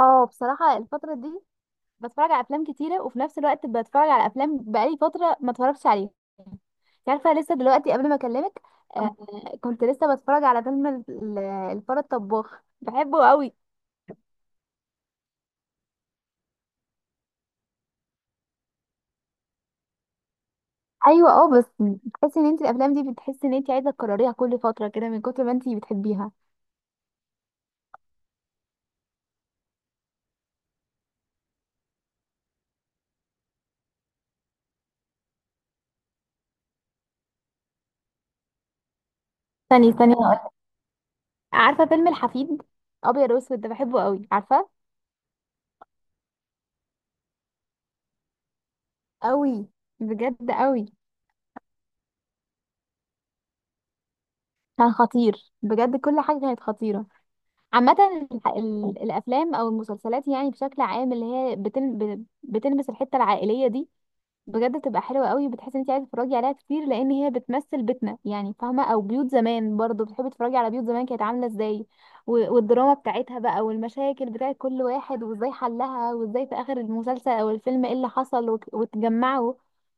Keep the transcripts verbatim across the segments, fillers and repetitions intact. اه، بصراحة الفترة دي بتفرج على افلام كتيرة، وفي نفس الوقت بتفرج على افلام بقالي فترة ما اتفرجتش عليها. انت عارفة لسه دلوقتي قبل ما اكلمك آه كنت لسه بتفرج على فيلم ال- ال- الفار الطباخ، بحبه قوي. ايوه، اه بس بتحسي ان انت الافلام دي بتحسي ان انت عايزة تكرريها كل فترة كده من كتر ما انت بتحبيها. ثانية ثانية هقولك. عارفة فيلم الحفيد؟ ابيض واسود، ده بحبه قوي، عارفة؟ قوي، بجد قوي. كان خطير بجد، كل حاجة كانت خطيرة. عامة الح- ال- الأفلام أو المسلسلات يعني بشكل عام اللي هي بتل... ب- بتلمس الحتة العائلية دي، بجد بتبقى حلوة قوي، بتحس إن أنت عايزة تتفرجي عليها كتير لأن هي بتمثل بيتنا، يعني فاهمة؟ أو بيوت زمان برضه بتحبي تتفرجي على بيوت زمان كانت عاملة إزاي. و... والدراما بتاعتها بقى، والمشاكل بتاعت كل واحد وإزاي حلها، وإزاي في آخر المسلسل أو الفيلم إيه اللي حصل وت... وتجمعوا،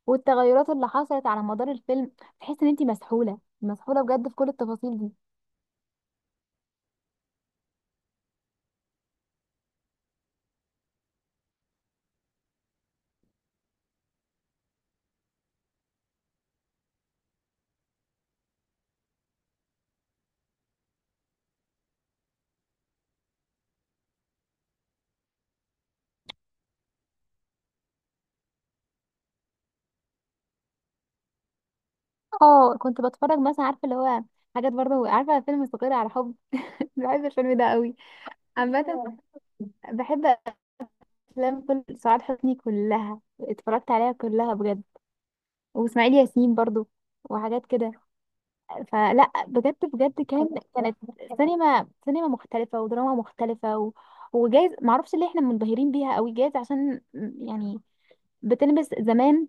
والتغيرات اللي حصلت على مدار الفيلم. تحس إن أنت مسحولة مسحولة بجد في كل التفاصيل دي. اه، كنت بتفرج مثلا، عارفه اللي هو حاجات برضه، عارفه فيلم فقير على حب؟ بحب الفيلم ده قوي. عامه أيوة. بحب افلام كل سعاد حسني كلها، اتفرجت عليها كلها بجد. واسماعيل ياسين برضه وحاجات كده. فلا، بجد بجد، كان كانت سينما سينما مختلفه ودراما مختلفه و... وجايز معرفش ليه احنا منبهرين بيها قوي، جايز عشان يعني بتلمس زمان.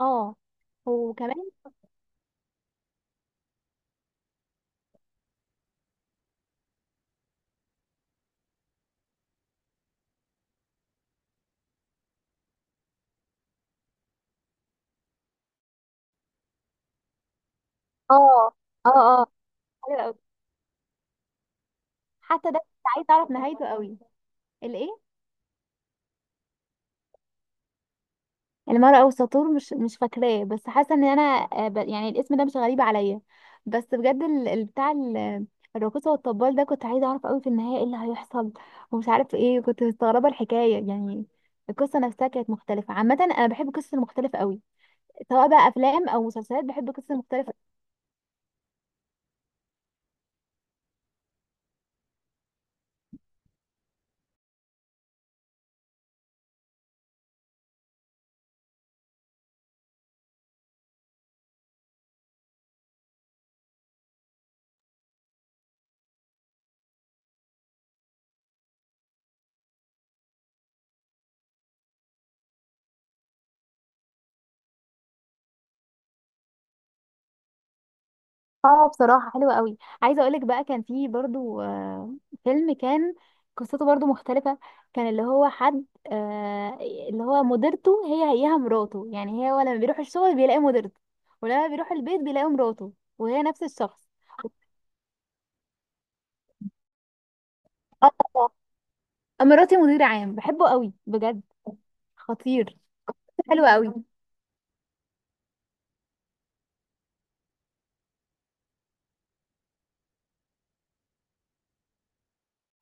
اه. وكمان. اه، اه، اه، حلو قوي. حتى ده كنت عايزه اعرف نهايته قوي، الايه؟ المرأة والساطور، مش مش فاكراه، بس حاسة ان انا آه، ب- يعني الاسم ده مش غريب عليا. بس بجد، ال- ال- بتاع ال- الراقصة والطبال ده كنت عايزة اعرف قوي في النهاية ايه اللي هيحصل، ومش عارف ايه، كنت مستغربة الحكاية يعني. القصة نفسها كانت مختلفة. عامة انا بحب القصص المختلفة قوي، سواء بقى افلام او مسلسلات، بحب القصص المختلفة. اه، بصراحة حلوة قوي. عايزة اقولك بقى كان في برضو آه، فيلم كان قصته برضو مختلفة. كان اللي هو حد، آه، اللي هو مديرته هي هيها مراته، يعني هي لما بيروح الشغل بيلاقي مديرته، ولما بيروح البيت بيلاقي مراته، وهي نفس الشخص. اه، مراتي مدير عام، بحبه قوي بجد. خطير. حلو قوي.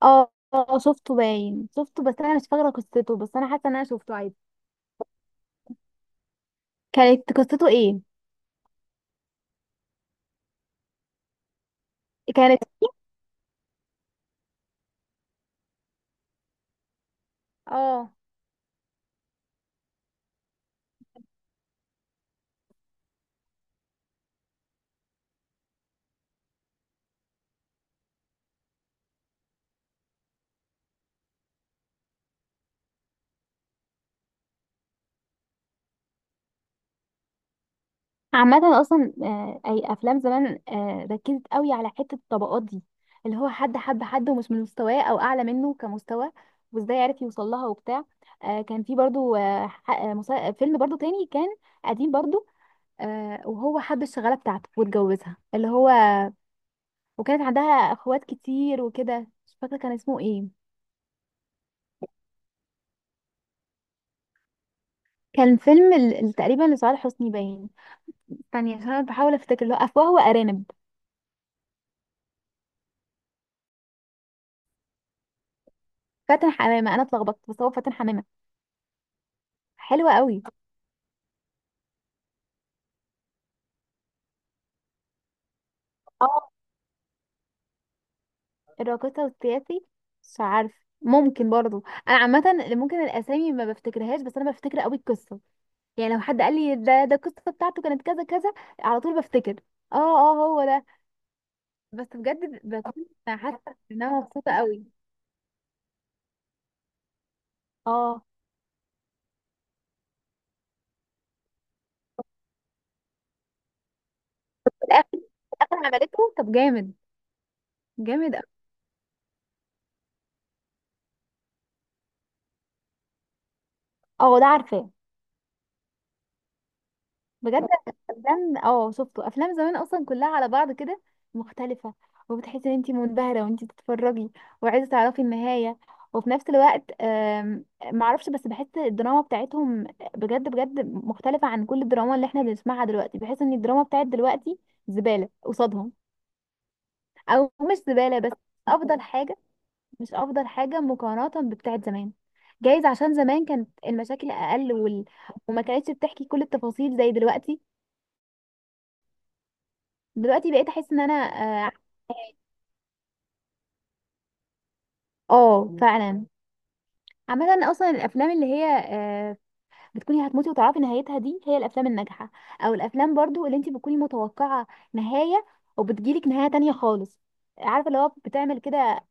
اه، اه، شفته باين شفته، بس انا مش فاكرة قصته، بس انا حاسة ان انا شفته عادي. كانت قصته ايه؟ كانت. اه، عامة أصلا آه، أي أفلام زمان آه، ركزت قوي على حتة الطبقات دي، اللي هو حد حب حد ومش من مستواه أو أعلى منه كمستوى، وإزاي عرف يوصل لها وبتاع. آه، كان في برضو آه، ح- آه، مسا- فيلم برضو تاني كان قديم برضو، آه، وهو حب الشغالة بتاعته واتجوزها اللي هو، وكانت عندها أخوات كتير وكده. مش فاكرة كان اسمه ايه. كان فيلم ال- ال- تقريبا لصالح حسني باين. ثانية عشان أنا بحاول أفتكر، اللي هو أفواه وأرانب. فاتن حمامة. أنا اتلخبطت بس هو فاتن حمامة. حلوة قوي. الراقصة والسياسي؟ مش عارفة، ممكن برضو. انا عامة ممكن الاسامي ما بفتكرهاش، بس انا بفتكر قوي القصة. يعني لو حد قال لي ده ده القصة بتاعته كانت كذا كذا، على طول بفتكر. اه، اه، هو ده. بس بجد بكون حاسة ان انا مبسوطة قوي. اه، في الاخر في الاخر عملته. طب جامد. جامد أوي. اه، ده عارفاه. بجد. افلام، اه شفته. افلام زمان اصلا كلها على بعض كده مختلفه، وبتحسي ان انت منبهره وانت بتتفرجي وعايزه تعرفي النهايه، وفي نفس الوقت آم، معرفش، بس بحس الدراما بتاعتهم بجد بجد مختلفه عن كل الدراما اللي احنا بنسمعها دلوقتي. بحس ان الدراما بتاعت دلوقتي زباله قصادهم، او مش زباله، بس افضل حاجه، مش افضل حاجه مقارنه بتاعت زمان. جايز عشان زمان كانت المشاكل اقل وال... وما كانتش بتحكي كل التفاصيل زي دلوقتي. دلوقتي بقيت احس ان انا اه، آه، فعلا. عامة اصلا الافلام اللي هي آه بتكوني هتموتي وتعرفي نهايتها دي هي الافلام الناجحة، او الافلام برضو اللي انت بتكوني متوقعة نهاية وبتجيلك نهاية تانية خالص. عارفة، اللي هو بتعمل كده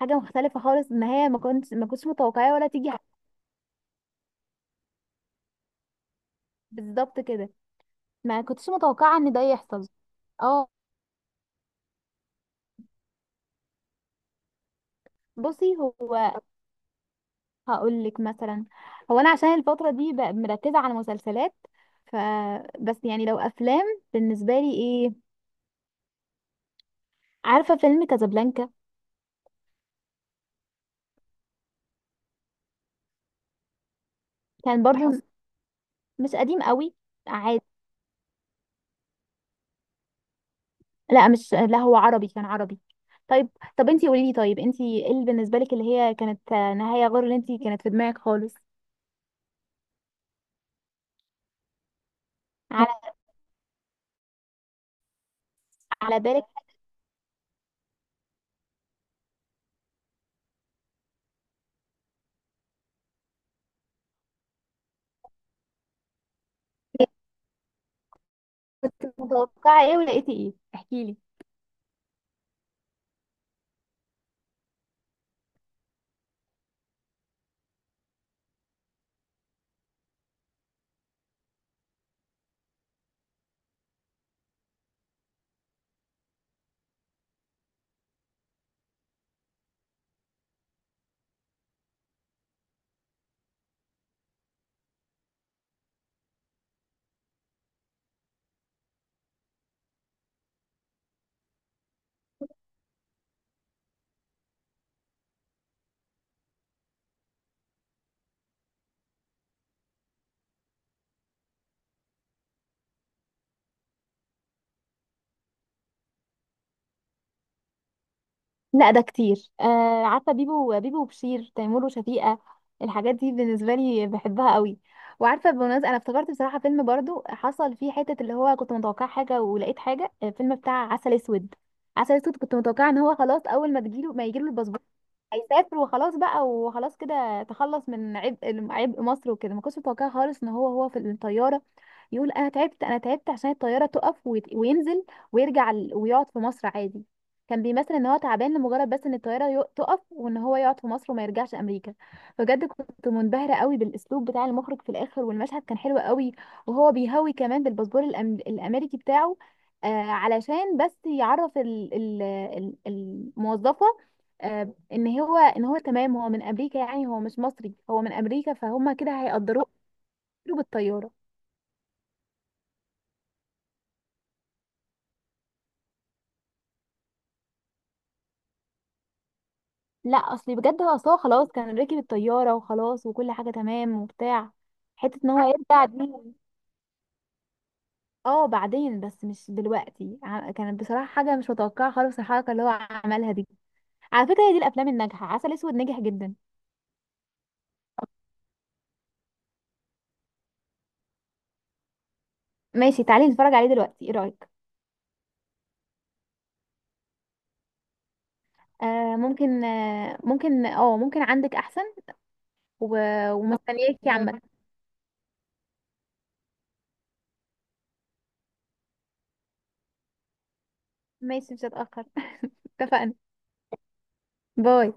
حاجة مختلفة خالص، نهاية ما كنت ما كنتش متوقعة ولا تيجي بالظبط كده، ما كنتش متوقعة ان ده يحصل. اه، بصي، هو هقول لك مثلا. هو انا عشان الفتره دي بقى مركزه على مسلسلات، ف بس يعني لو افلام بالنسبه لي ايه؟ عارفه فيلم كازابلانكا؟ كان برضو بحب. مش قديم قوي، عادي. لا، مش، لا هو عربي، كان عربي. طيب، طب انتي قولي لي، طيب انتي ايه اللي بالنسبه لك اللي هي كانت نهايه غير اللي انتي كانت في دماغك خالص؟ على، على بالك، كنت متوقعه ايه ولقيتي ايه؟ احكي لي. لا، ده كتير. آه، عارفه بيبو بيبو وبشير تيمور وشفيقة، الحاجات دي بالنسبه لي بحبها قوي. وعارفه بالمناسبه انا افتكرت بصراحه فيلم برضو حصل فيه حته اللي هو كنت متوقع حاجه ولقيت حاجه، الفيلم بتاع عسل اسود. عسل اسود كنت متوقع ان هو خلاص اول ما تجيله ما يجيله الباسبور، هيسافر وخلاص بقى، وخلاص كده تخلص من عبء عبء مصر وكده. ما كنتش متوقعه خالص ان هو هو في الطياره يقول انا تعبت انا تعبت، عشان الطياره تقف ويت- وينزل، ويرجع ال- ويقعد في مصر عادي. كان بيمثل ان هو تعبان لمجرد بس ان الطياره يق- تقف، وان هو يقعد في مصر وما يرجعش امريكا. بجد كنت منبهره قوي بالاسلوب بتاع المخرج في الاخر، والمشهد كان حلو قوي، وهو بيهوي كمان بالباسبور الأم- الامريكي بتاعه، آه علشان بس يعرف ال- ال- ال- الموظفه آه ان هو ان هو تمام، هو من امريكا يعني، هو مش مصري، هو من امريكا، فهم كده هيقدروه. بالطياره. لا، اصلي بجد هو اصلا خلاص كان راكب الطياره وخلاص، وكل حاجه تمام وبتاع. حته ان هو يرجع دي اه، بعدين بس مش دلوقتي. ع- كانت بصراحه حاجه مش متوقعه خالص الحركه اللي هو عملها دي. على فكره هي دي الافلام الناجحه، عسل اسود ناجح جدا. ماشي، تعالي نتفرج عليه دلوقتي، ايه رايك؟ آه ممكن آه ممكن اه ممكن عندك احسن. و... ومستنياكي عامه. ماشي، مش هتاخر. اتفقنا. باي.